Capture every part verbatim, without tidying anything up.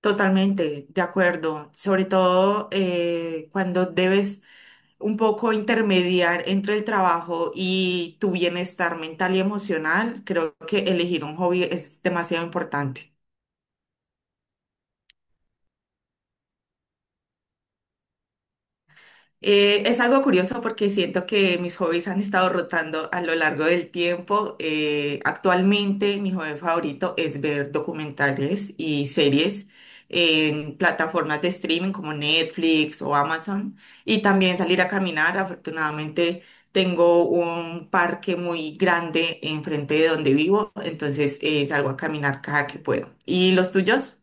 Totalmente, de acuerdo. Sobre todo eh, cuando debes un poco intermediar entre el trabajo y tu bienestar mental y emocional, creo que elegir un hobby es demasiado importante. Eh, es algo curioso porque siento que mis hobbies han estado rotando a lo largo del tiempo. Eh, actualmente mi hobby favorito es ver documentales y series en plataformas de streaming como Netflix o Amazon y también salir a caminar. Afortunadamente tengo un parque muy grande enfrente de donde vivo, entonces eh, salgo a caminar cada que puedo. ¿Y los tuyos?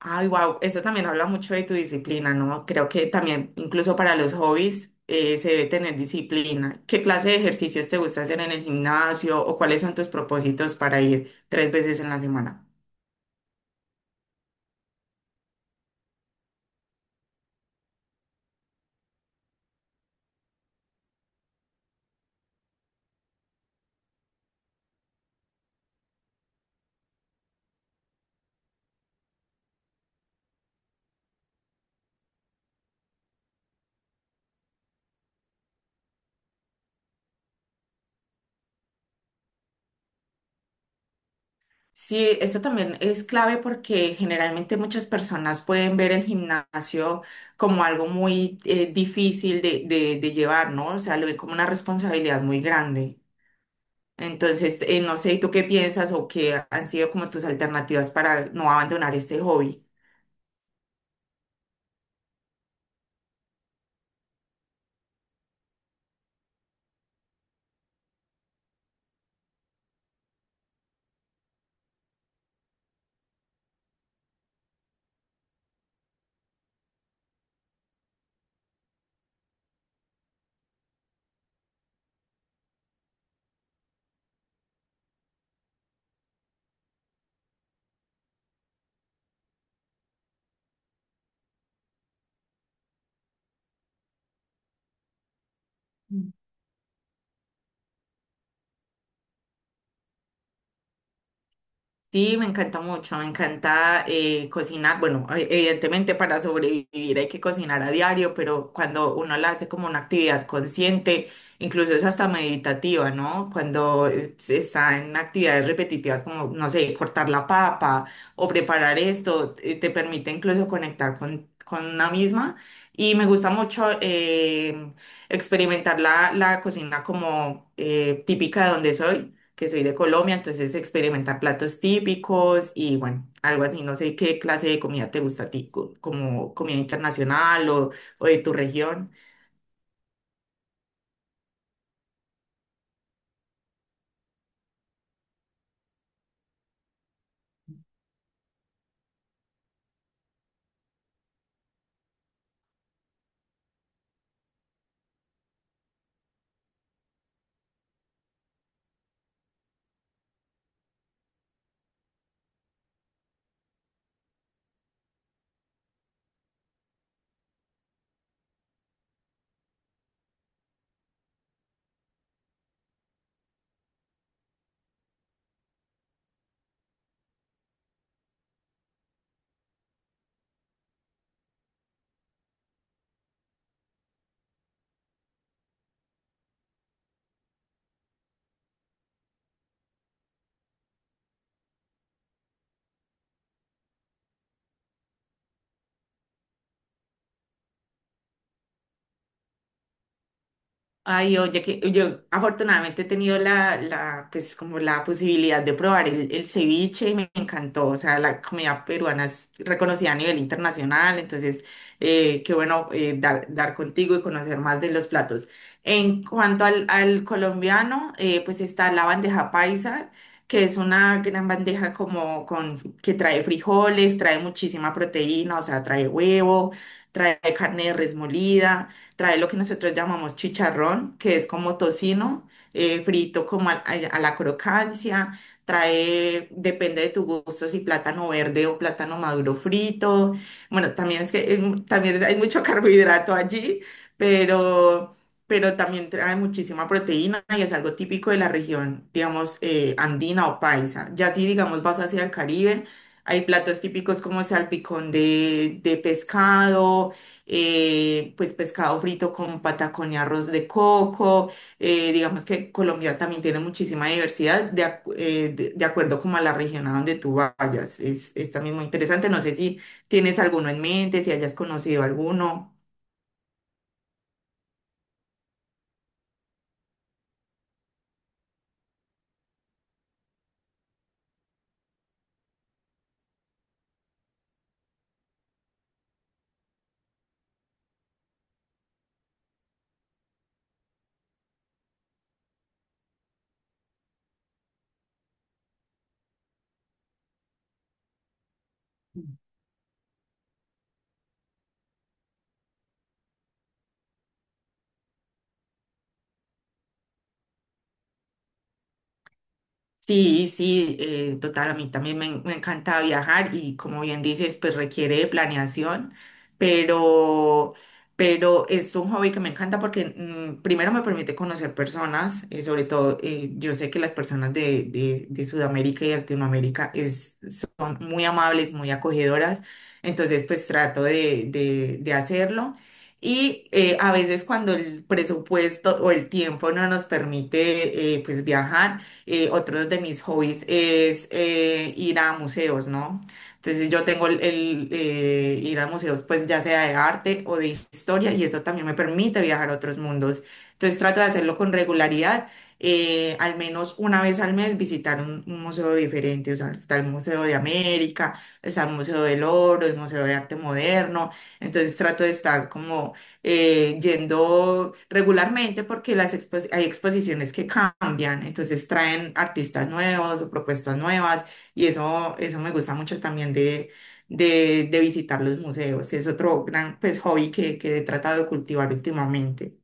Ay, wow, eso también habla mucho de tu disciplina, ¿no? Creo que también, incluso para los hobbies, eh, se debe tener disciplina. ¿Qué clase de ejercicios te gusta hacer en el gimnasio o cuáles son tus propósitos para ir tres veces en la semana? Sí, eso también es clave porque generalmente muchas personas pueden ver el gimnasio como algo muy eh, difícil de, de de llevar, ¿no? O sea, lo ven como una responsabilidad muy grande. Entonces, eh, no sé, ¿tú qué piensas o qué han sido como tus alternativas para no abandonar este hobby? Sí, me encanta mucho, me encanta eh, cocinar. Bueno, e- evidentemente para sobrevivir hay que cocinar a diario, pero cuando uno la hace como una actividad consciente, incluso es hasta meditativa, ¿no? Cuando es- está en actividades repetitivas como, no sé, cortar la papa o preparar esto, eh, te permite incluso conectar con, con una misma. Y me gusta mucho eh, experimentar la, la cocina como eh, típica de donde soy, que soy de Colombia, entonces experimentar platos típicos y bueno, algo así. No sé qué clase de comida te gusta a ti, co- como comida internacional o, o de tu región. Ay, oye, que yo afortunadamente he tenido la, la, pues como la posibilidad de probar el, el ceviche y me encantó. O sea, la comida peruana es reconocida a nivel internacional, entonces, eh, qué bueno eh, dar, dar contigo y conocer más de los platos. En cuanto al, al colombiano, eh, pues está la bandeja paisa, que es una gran bandeja como con, que trae frijoles, trae muchísima proteína, o sea, trae huevo, trae carne de res molida, trae lo que nosotros llamamos chicharrón, que es como tocino, eh, frito como al- a, a la crocancia, trae, depende de tu gusto, si plátano verde o plátano maduro frito. Bueno, también es que eh, mu- también hay mucho carbohidrato allí, pero, pero también trae muchísima proteína y es algo típico de la región, digamos, eh, andina o paisa. Ya si, digamos, vas hacia el Caribe, hay platos típicos como salpicón de, de pescado, eh, pues pescado frito con patacón y arroz de coco. Eh, digamos que Colombia también tiene muchísima diversidad de, acu- eh, de, de acuerdo como a la región a donde tú vayas. Es, es también muy interesante. No sé si tienes alguno en mente, si hayas conocido alguno. Sí, sí, eh, total, a mí también me, en- me encanta viajar y, como bien dices, pues requiere de planeación, pero, pero es un hobby que me encanta porque mm, primero me permite conocer personas, eh, sobre todo eh, yo sé que las personas de, de, de Sudamérica y Latinoamérica es, son muy amables, muy acogedoras, entonces pues trato de, de, de hacerlo. Y eh, a veces cuando el presupuesto o el tiempo no nos permite eh, pues viajar, eh, otro de mis hobbies es eh, ir a museos, ¿no? Entonces yo tengo el, el, eh, ir a museos, pues ya sea de arte o de historia, y eso también me permite viajar a otros mundos. Entonces trato de hacerlo con regularidad, eh, al menos una vez al mes visitar un, un museo diferente. O sea, está el Museo de América, está el Museo del Oro, el Museo de Arte Moderno. Entonces trato de estar como eh, yendo regularmente porque las expo- hay exposiciones que cambian, entonces traen artistas nuevos o propuestas nuevas y eso, eso me gusta mucho también de, de, de visitar los museos. Es otro gran, pues, hobby que, que he tratado de cultivar últimamente.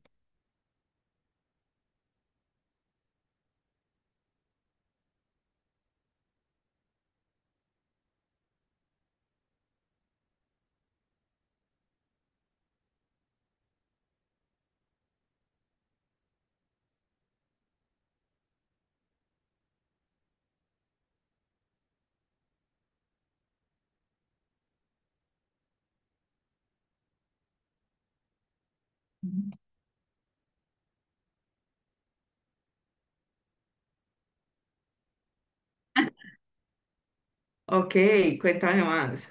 Ok, cuéntame más.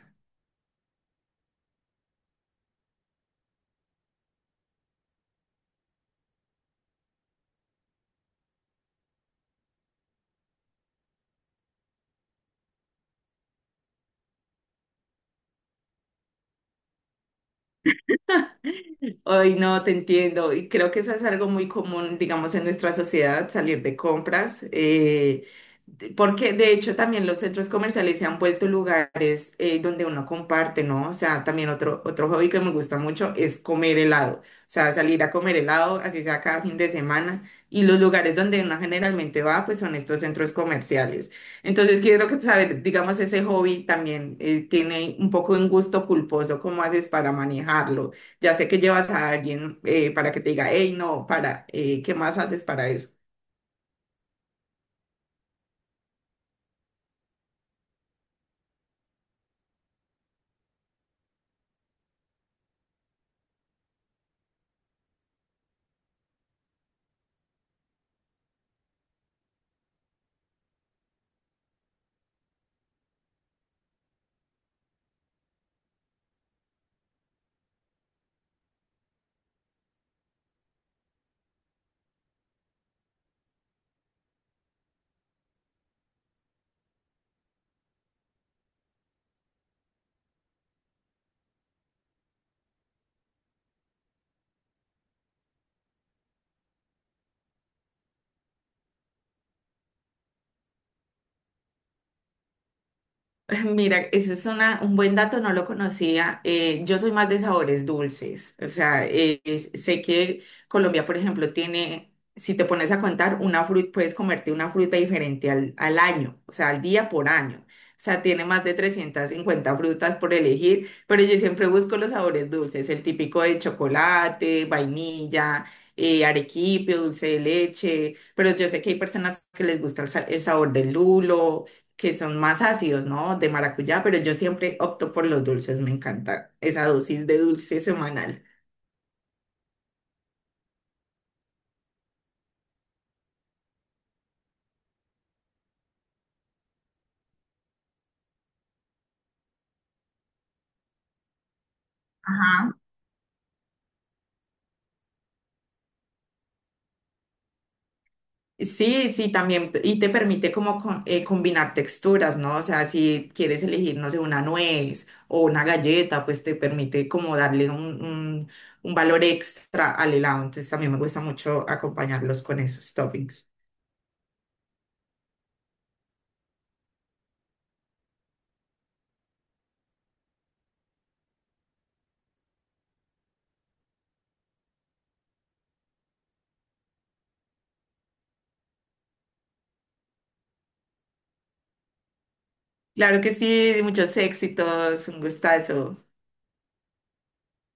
Ay, no, te entiendo. Y creo que eso es algo muy común, digamos, en nuestra sociedad, salir de compras. Eh, de- porque de hecho también los centros comerciales se han vuelto lugares eh, donde uno comparte, ¿no? O sea, también otro, otro hobby que me gusta mucho es comer helado. O sea, salir a comer helado, así sea cada fin de semana. Y los lugares donde uno generalmente va, pues son estos centros comerciales. Entonces, quiero que saber, digamos, ese hobby también eh, tiene un poco un gusto culposo. ¿Cómo haces para manejarlo? Ya sé que llevas a alguien eh, para que te diga, hey, no, para, eh, ¿qué más haces para eso? Mira, ese es una, un buen dato, no lo conocía. Eh, yo soy más de sabores dulces. O sea, eh, es- sé que Colombia, por ejemplo, tiene, si te pones a contar, una fruta, puedes comerte una fruta diferente al, al año, o sea, al día por año. O sea, tiene más de trescientas cincuenta frutas por elegir, pero yo siempre busco los sabores dulces, el típico de chocolate, vainilla, eh, arequipe, dulce de leche, pero yo sé que hay personas que les gusta el, sa- el sabor del lulo, que son más ácidos, ¿no? De maracuyá, pero yo siempre opto por los dulces, me encanta esa dosis de dulce semanal. Ajá. Sí, sí, también, y te permite como co- eh, combinar texturas, ¿no? O sea, si quieres elegir, no sé, una nuez o una galleta, pues te permite como darle un, un, un valor extra al helado. Entonces también me gusta mucho acompañarlos con esos toppings. Claro que sí, muchos éxitos, un gustazo.